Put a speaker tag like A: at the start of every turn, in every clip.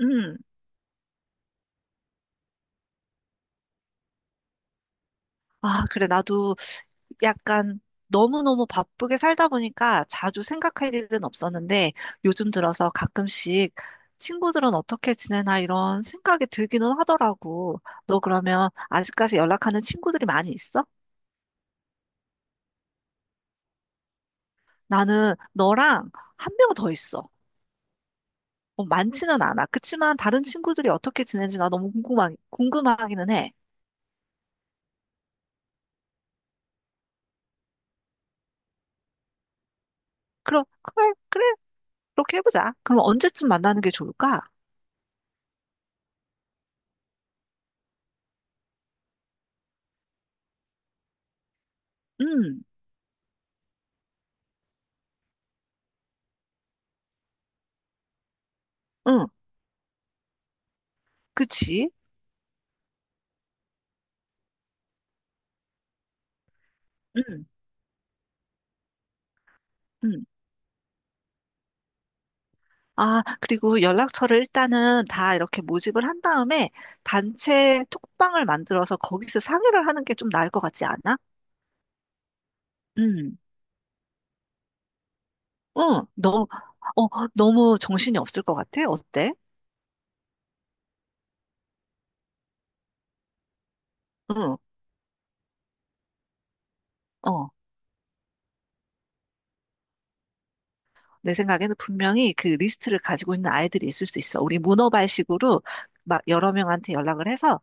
A: 음. 아, 그래. 나도 약간 너무너무 바쁘게 살다 보니까 자주 생각할 일은 없었는데 요즘 들어서 가끔씩 친구들은 어떻게 지내나 이런 생각이 들기는 하더라고. 너 그러면 아직까지 연락하는 친구들이 많이 있어? 나는 너랑 한 명 더 있어. 뭐 많지는 않아. 그치만 다른 친구들이 어떻게 지내는지 나 너무 궁금하기는 해. 그럼, 그래, 그래. 그렇게 해보자. 그럼 언제쯤 만나는 게 좋을까? 음, 응, 그치? 음. 음. 아, 그리고 연락처를 일단은 다 이렇게 모집을 한 다음에 단체 톡방을 만들어서 거기서 상의를 하는 게 좀 나을 것 같지 않아? 음, 응, 어, 너무 정신이 없을 것 같아? 어때? 응, 어. 내 생각에는 분명히 그 리스트를 가지고 있는 아이들이 있을 수 있어. 우리 문어발식으로 막 여러 명한테 연락을 해서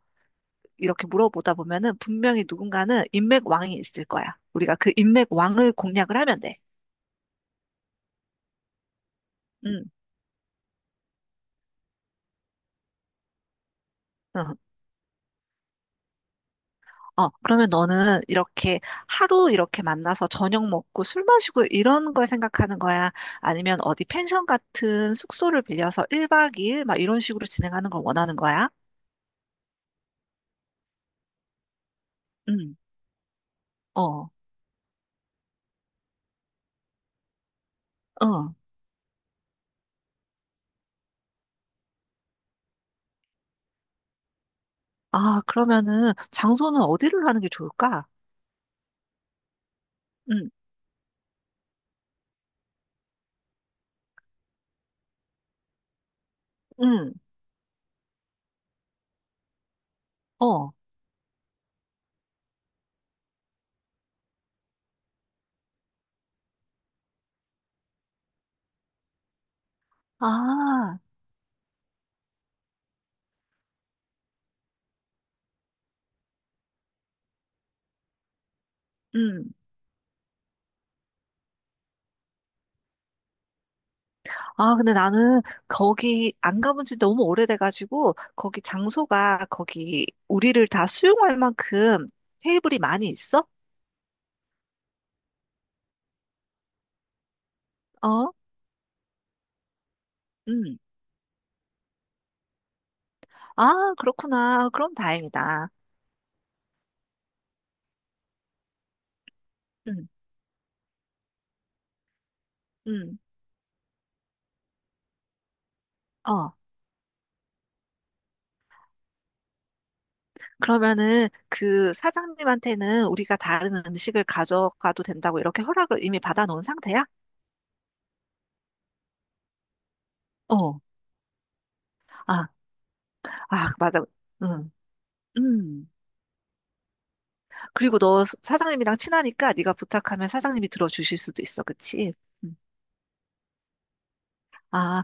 A: 이렇게 물어보다 보면은 분명히 누군가는 인맥왕이 있을 거야. 우리가 그 인맥왕을 공략을 하면 돼. 응, 어, 그러면 너는 이렇게 하루 이렇게 만나서 저녁 먹고 술 마시고 이런 걸 생각하는 거야? 아니면 어디 펜션 같은 숙소를 빌려서 1박 2일 막 이런 식으로 진행하는 걸 원하는 거야? 응, 어, 응. 아, 그러면은 장소는 어디를 하는 게 좋을까? 응, 응, 어, 아. 응. 아, 근데 나는 거기 안 가본 지 너무 오래돼가지고, 거기 장소가 거기 우리를 다 수용할 만큼 테이블이 많이 있어? 어? 음. 아, 그렇구나. 그럼 다행이다. 음, 음. 어. 그러면은 그 사장님한테는 우리가 다른 음식을 가져가도 된다고 이렇게 허락을 이미 받아놓은 상태야? 어. 아, 아, 맞아. 음. 음. 그리고 너 사장님이랑 친하니까 네가 부탁하면 사장님이 들어주실 수도 있어. 그치? 음. 아,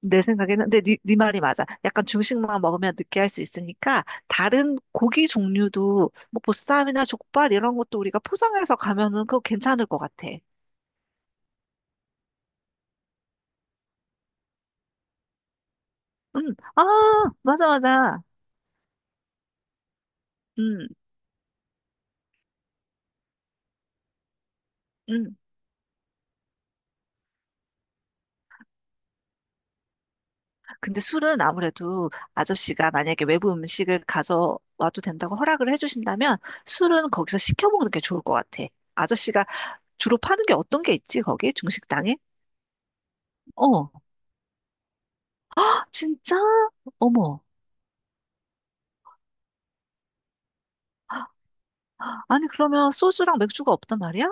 A: 내 생각에는 근데 네 말이 맞아. 약간 중식만 먹으면 느끼할 수 있으니까 다른 고기 종류도 뭐 보쌈이나 족발 이런 것도 우리가 포장해서 가면은 그거 괜찮을 것 같아. 아 맞아 맞아. 음, 음. 근데 술은 아무래도 아저씨가 만약에 외부 음식을 가져와도 된다고 허락을 해주신다면 술은 거기서 시켜 먹는 게 좋을 것 같아. 아저씨가 주로 파는 게 어떤 게 있지 거기 중식당에? 어, 진짜? 어머. 아니 그러면 소주랑 맥주가 없단 말이야?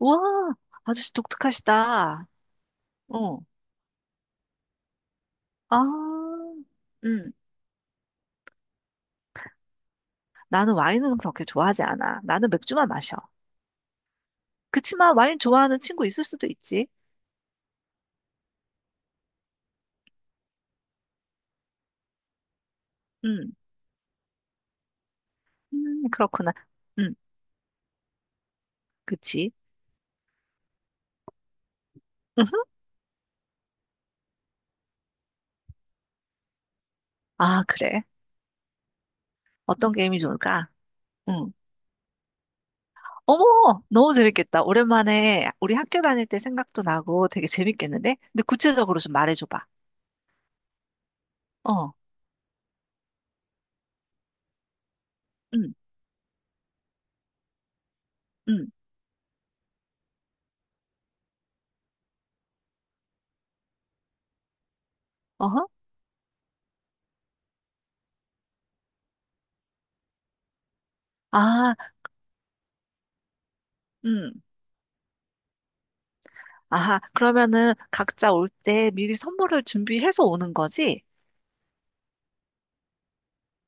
A: 와, 아저씨 독특하시다. 어. 아, 음. 나는 와인은 그렇게 좋아하지 않아. 나는 맥주만 마셔. 그치만 와인 좋아하는 친구 있을 수도 있지. 음, 그렇구나. 음, 그치. 음흠. 아, 그래. 어떤 게임이 좋을까? 응. 어머, 너무 재밌겠다. 오랜만에 우리 학교 다닐 때 생각도 나고 되게 재밌겠는데? 근데 구체적으로 좀 말해줘봐. 어, 응, 응, 어허. 아, 응. 아하, 그러면은 각자 올 때 미리 선물을 준비해서 오는 거지?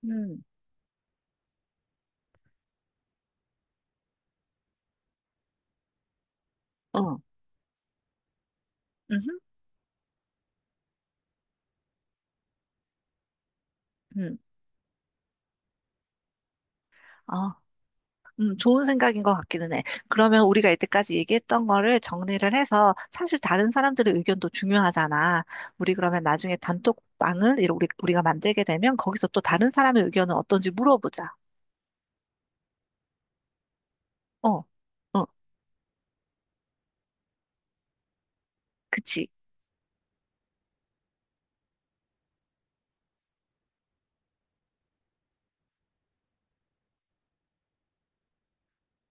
A: 음, 어. 음, 음, 어, 좋은 생각인 것 같기는 해. 그러면 우리가 이때까지 얘기했던 거를 정리를 해서 사실 다른 사람들의 의견도 중요하잖아. 우리 그러면 나중에 단톡방을 이렇게 우리가 만들게 되면 거기서 또 다른 사람의 의견은 어떤지 물어보자. 어, 어, 그치.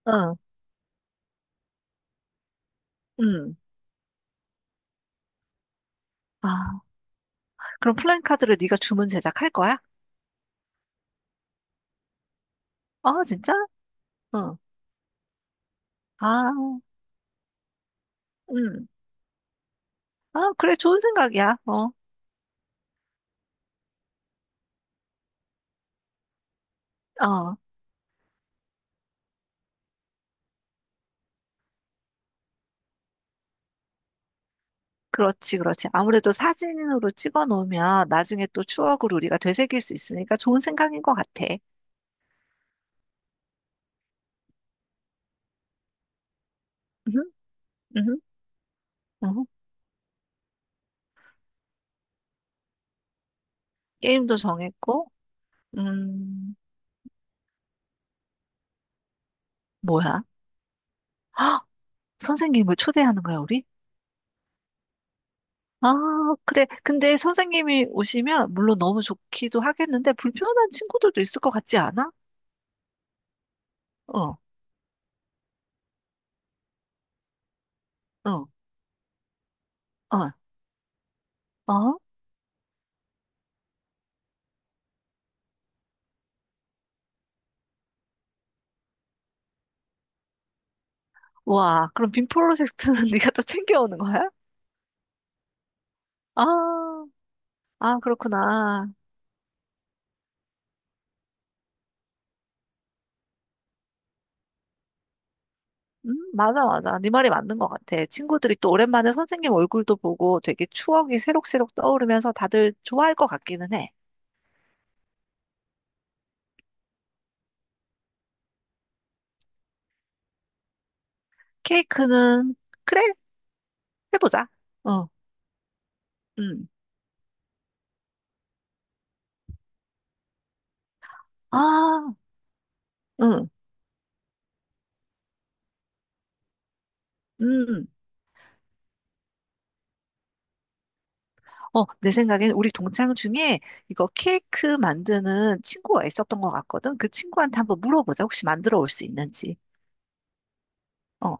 A: 응, 응. 아, 그럼 플랜카드를 네가 주문 제작할 거야? 어, 진짜? 응. 아, 음. 아, 그래, 좋은 생각이야. 어, 어, 그렇지, 그렇지. 아무래도 사진으로 찍어 놓으면 나중에 또 추억을 우리가 되새길 수 있으니까 좋은 생각인 것 같아. 음, 음, 음. 게임도 정했고, 음, 뭐야? 헉, 선생님을 초대하는 거야, 우리? 아, 그래. 근데 선생님이 오시면 물론 너무 좋기도 하겠는데 불편한 친구들도 있을 것 같지 않아? 어, 어, 어, 어? 와, 그럼 빔 프로젝트는 네가 또 챙겨오는 거야? 아, 아, 그렇구나. 맞아, 맞아. 네 말이 맞는 것 같아. 친구들이 또 오랜만에 선생님 얼굴도 보고 되게 추억이 새록새록 떠오르면서 다들 좋아할 것 같기는 해. 케이크는, 그래, 해보자. 어, 음. 아, 응, 음. 어, 내 생각엔 우리 동창 중에 이거 케이크 만드는 친구가 있었던 것 같거든. 그 친구한테 한번 물어보자. 혹시 만들어 올 수 있는지. 어,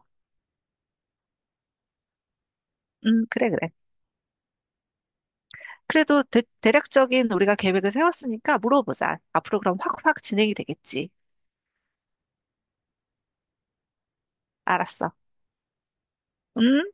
A: 그래, 그래. 그래도 대략적인 우리가 계획을 세웠으니까 물어보자. 앞으로 그럼 확확 진행이 되겠지. 알았어. 음.